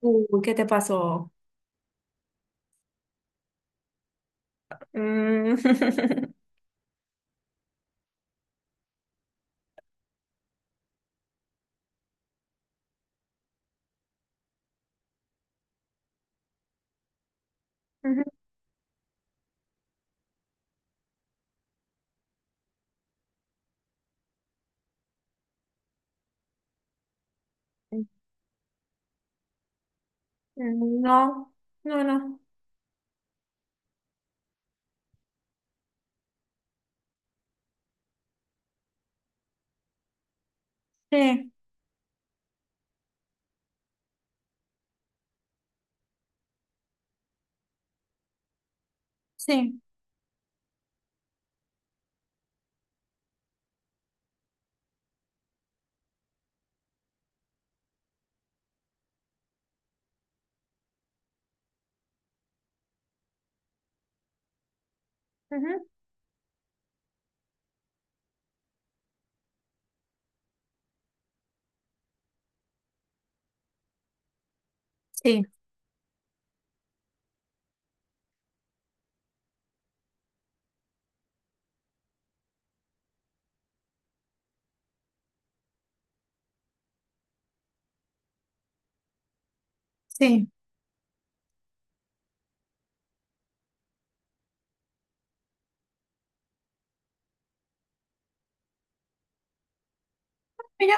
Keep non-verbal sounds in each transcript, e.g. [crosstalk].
Uy, ¿qué te pasó? Mm, [laughs] ujú. No, no, no. Sí, sí. Ujú, sí, sí. Mira,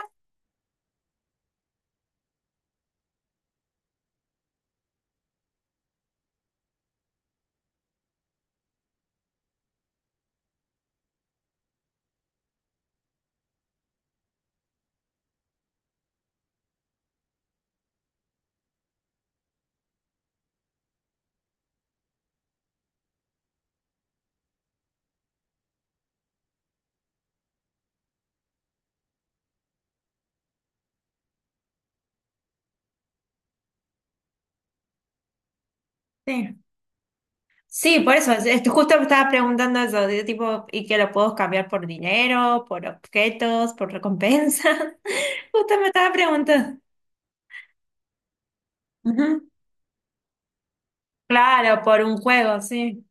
sí. Sí, por eso, justo me estaba preguntando eso, de tipo, ¿y que lo puedo cambiar por dinero, por objetos, por recompensas? [laughs] Justo me estaba preguntando. Ujú. Claro, por un juego, sí.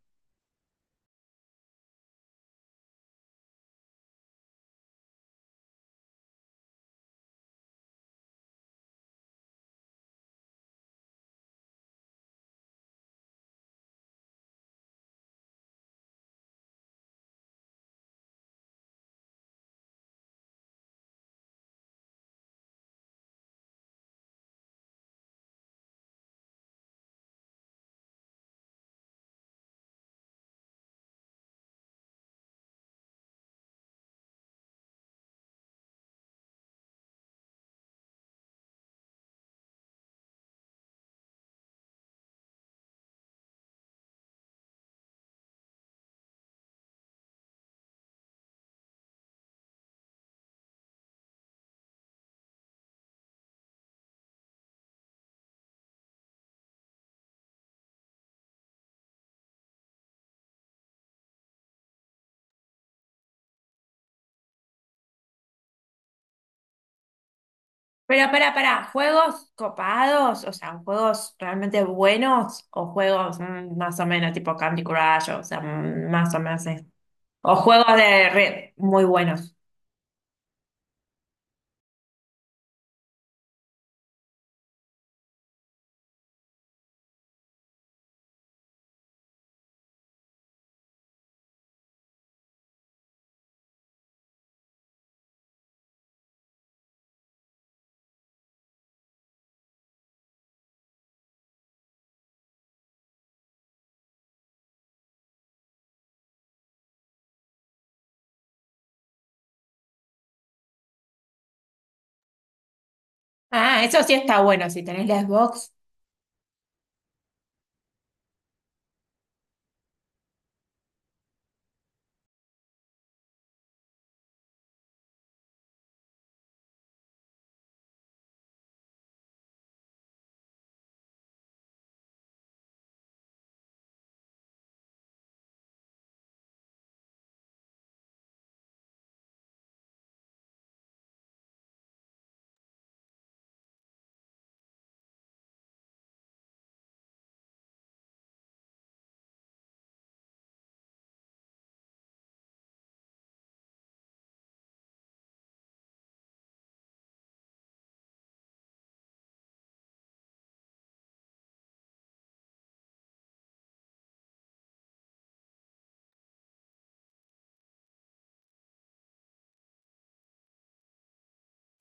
Pero pará, pará, ¿juegos copados? O sea, ¿juegos realmente buenos? ¿O juegos mm, más o menos tipo Candy Crush? O sea, mm, más o menos. O juegos de red muy buenos. Ah, eso sí está bueno, si tenés la Xbox.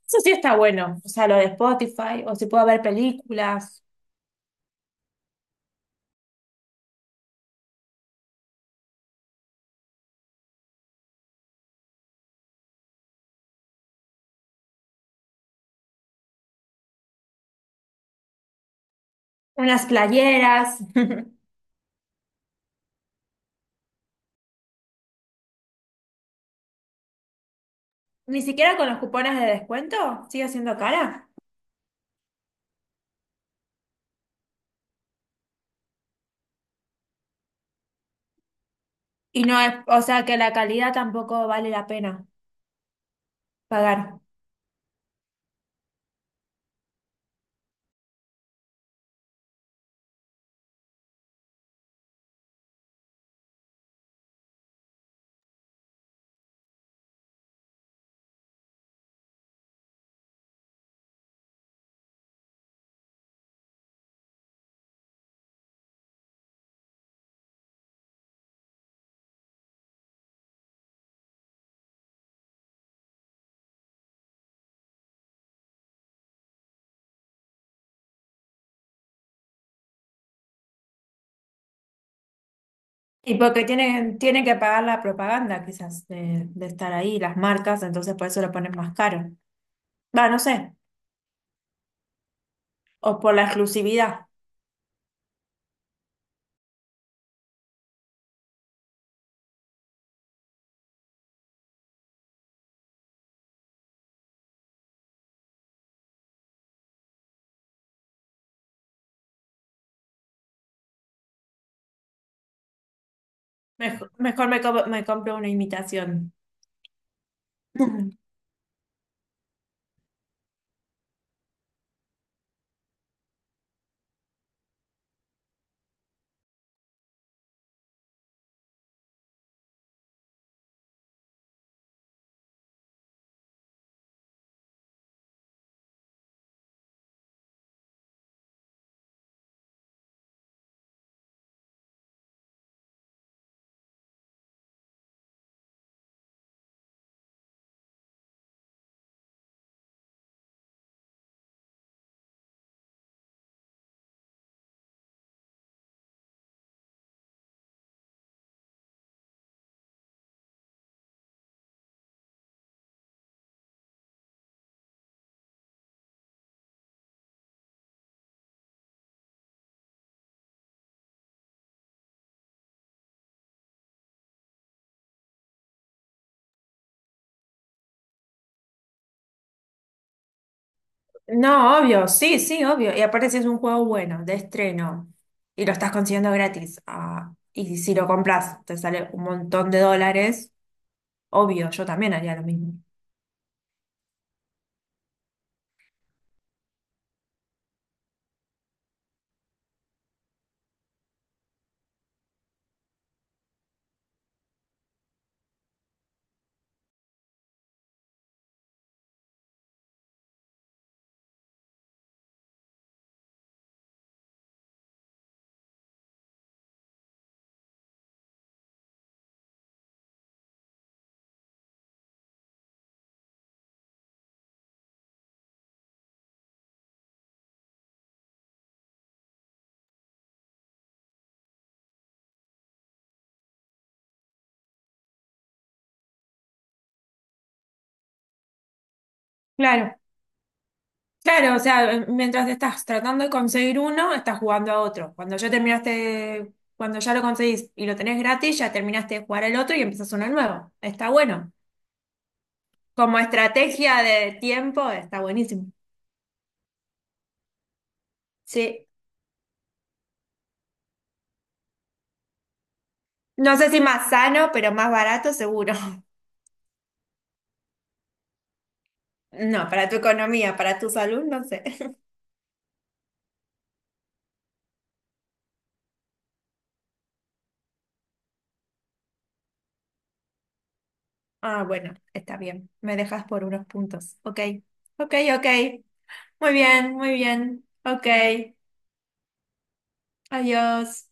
Eso sí está bueno. O sea, lo de Spotify, o si puedo ver películas, unas playeras. [laughs] Ni siquiera con los cupones de descuento sigue siendo cara. Y no es, o sea, que la calidad tampoco vale la pena pagar. Y porque tienen, tienen que pagar la propaganda, quizás, de estar ahí, las marcas, entonces por eso lo ponen más caro. Va, no sé. O por la exclusividad. Mejor, me compro una imitación. [laughs] No, obvio, sí, sí, obvio. Y aparte si es un juego bueno, de estreno, y lo estás consiguiendo gratis, ah, y si lo compras te sale un montón de dólares, obvio, yo también haría lo mismo. Claro. Claro, o sea, mientras estás tratando de conseguir uno, estás jugando a otro. Cuando ya terminaste, cuando ya lo conseguís y lo tenés gratis, ya terminaste de jugar al otro y empezás uno nuevo. Está bueno. Como estrategia de tiempo, está buenísimo. Sí. No sé si más sano, pero más barato seguro. [laughs] No, para tu economía, para tu salud, no sé. [laughs] Ah, bueno, está bien. Me dejas por unos puntos. Ok, ok, ok. Muy bien, muy bien. Ok. Adiós.